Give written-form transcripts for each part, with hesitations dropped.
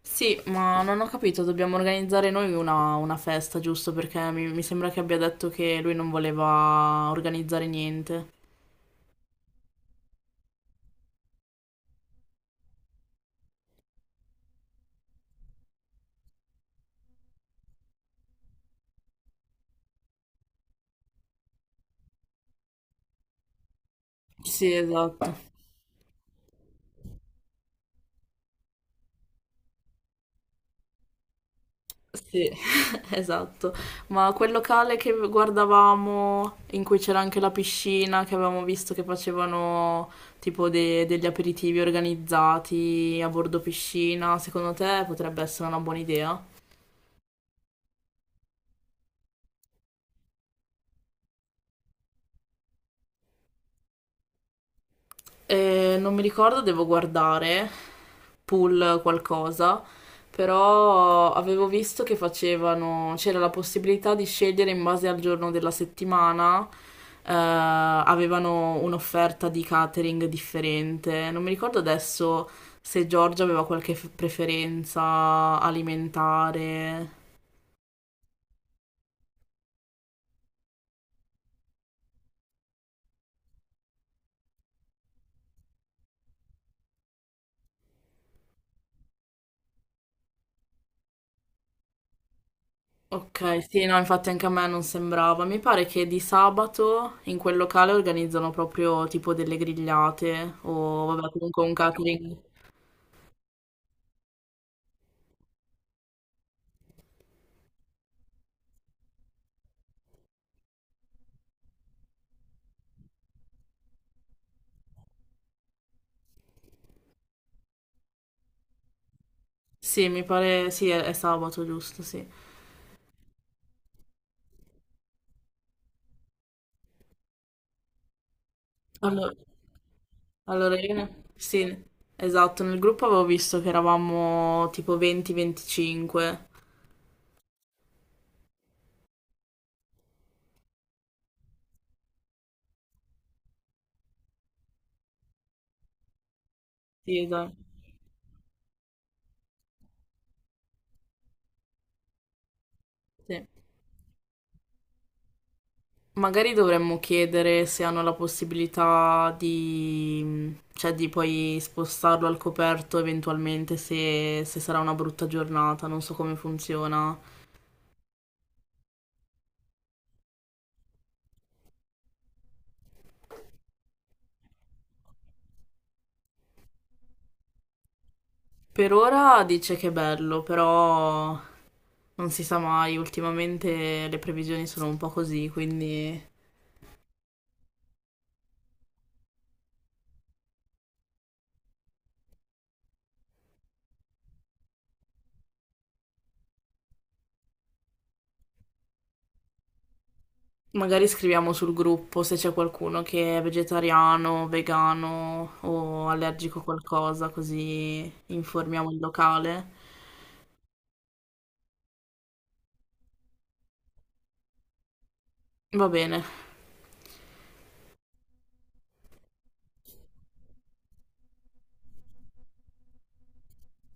Sì, ma non ho capito, dobbiamo organizzare noi una festa, giusto? Perché mi sembra che abbia detto che lui non voleva organizzare niente. Sì, esatto. Sì, esatto. Ma quel locale che guardavamo, in cui c'era anche la piscina, che avevamo visto che facevano tipo degli aperitivi organizzati a bordo piscina, secondo te potrebbe essere una buona idea? Non mi ricordo, devo guardare. Pool qualcosa, però avevo visto che facevano, c'era la possibilità di scegliere in base al giorno della settimana, avevano un'offerta di catering differente. Non mi ricordo adesso se Giorgia aveva qualche preferenza alimentare. Ok, sì, no, infatti anche a me non sembrava. Mi pare che di sabato in quel locale organizzano proprio tipo delle grigliate o vabbè, comunque un catering. Sì, mi pare, sì, è sabato, giusto, sì. Allora, allora, sì, esatto, nel gruppo avevo visto che eravamo tipo 20-25. Sì, esatto. Sì. Magari dovremmo chiedere se hanno la possibilità di, cioè, di poi spostarlo al coperto eventualmente se, se sarà una brutta giornata, non so come funziona. Per ora dice che è bello, però non si sa mai, ultimamente le previsioni sono un po' così, quindi... Magari scriviamo sul gruppo se c'è qualcuno che è vegetariano, vegano o allergico a qualcosa, così informiamo il locale. Va bene.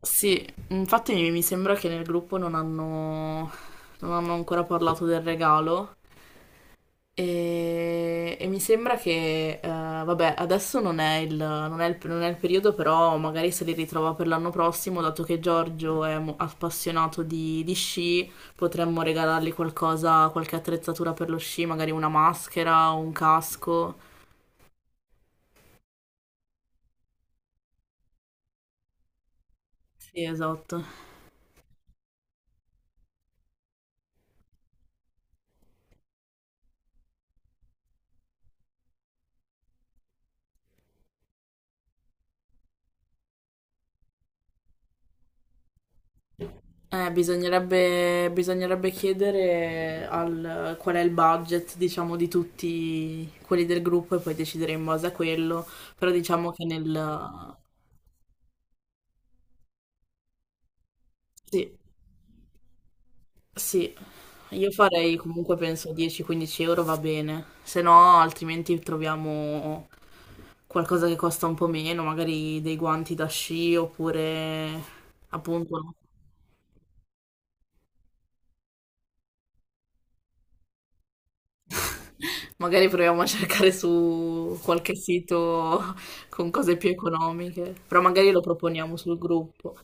Sì, infatti mi sembra che nel gruppo non hanno, non hanno ancora parlato del regalo. E mi sembra che, vabbè, adesso non è il, non è il- non è il periodo, però magari se li ritrova per l'anno prossimo, dato che Giorgio è appassionato di sci, potremmo regalargli qualcosa, qualche attrezzatura per lo sci, magari una maschera o un casco. Sì, esatto. Bisognerebbe, bisognerebbe chiedere al, qual è il budget, diciamo, di tutti quelli del gruppo e poi decidere in base a quello, però diciamo che nel... Sì, sì, io farei comunque penso 10-15 euro va bene, se no altrimenti troviamo qualcosa che costa un po' meno, magari dei guanti da sci oppure appunto no. Magari proviamo a cercare su qualche sito con cose più economiche, però magari lo proponiamo sul gruppo.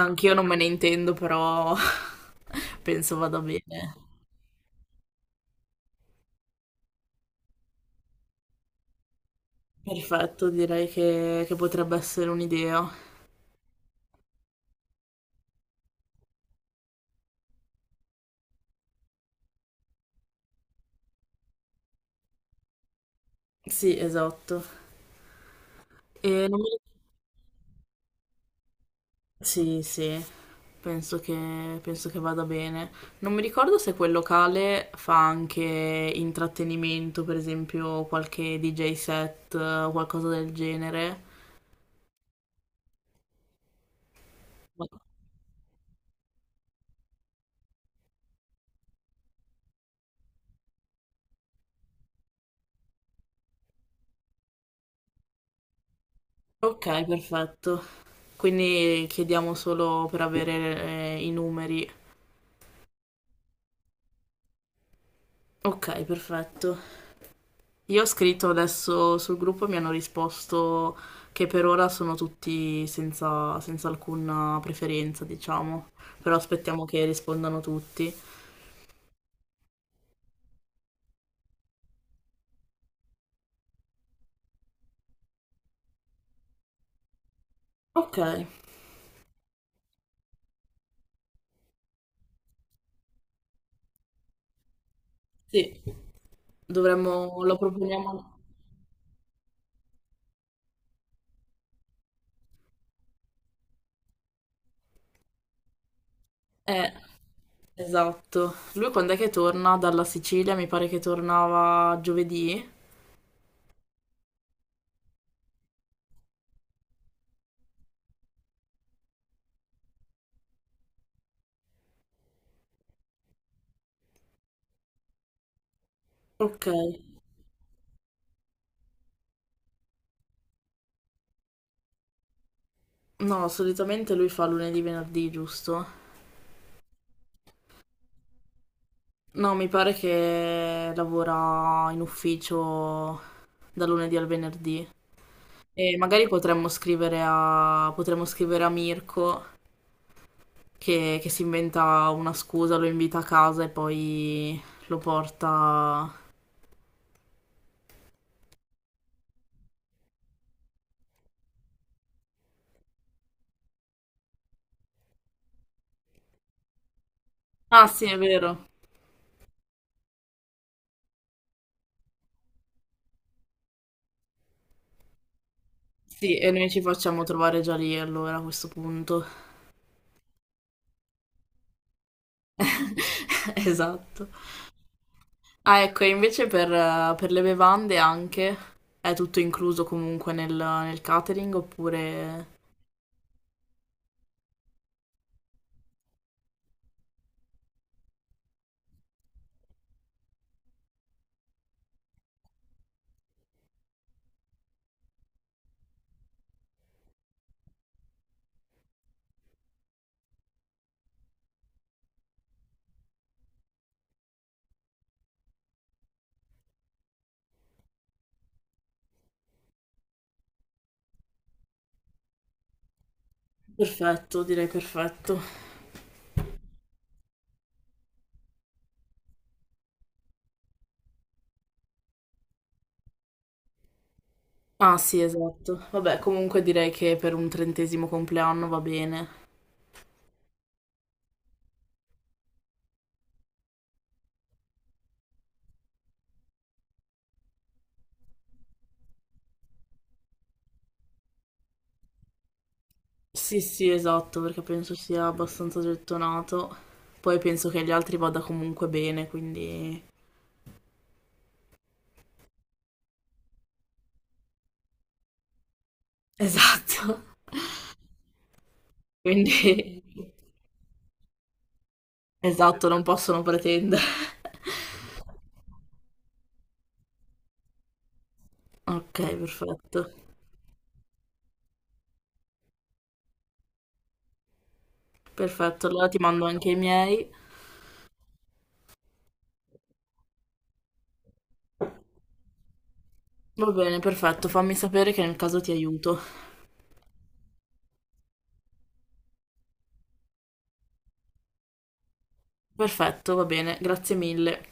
Anch'io non me ne intendo, però penso vada bene. Perfetto, direi che potrebbe essere un'idea. Sì, esatto. E non mi Sì, sì, penso che vada bene. Non mi ricordo se quel locale fa anche intrattenimento, per esempio qualche DJ set o qualcosa del genere. Ma- Ok, perfetto. Quindi chiediamo solo per avere, i numeri. Ok, perfetto. Io ho scritto adesso sul gruppo e mi hanno risposto che per ora sono tutti senza alcuna preferenza, diciamo. Però aspettiamo che rispondano tutti. Ok, sì, dovremmo, lo proponiamo. Eh, esatto. Lui quando è che torna dalla Sicilia? Mi pare che tornava giovedì. Ok. No, solitamente lui fa lunedì, venerdì, giusto? No, mi pare che lavora in ufficio da lunedì al venerdì. E magari potremmo scrivere a Mirko che si inventa una scusa, lo invita a casa e poi lo porta... Ah sì, è vero. Sì, e noi ci facciamo trovare già lì allora a questo punto. Esatto. Ah, ecco, e invece per le bevande anche è tutto incluso comunque nel catering oppure... Perfetto, direi perfetto. Ah, sì, esatto. Vabbè, comunque direi che per un trentesimo compleanno va bene. Sì, sì, esatto, perché penso sia abbastanza gettonato. Poi penso che agli altri vada comunque bene, quindi... Esatto. Quindi... Esatto, non possono pretendere. Ok, perfetto. Perfetto, allora ti mando anche i miei. Va bene, perfetto, fammi sapere che nel caso ti aiuto. Perfetto, va bene, grazie mille.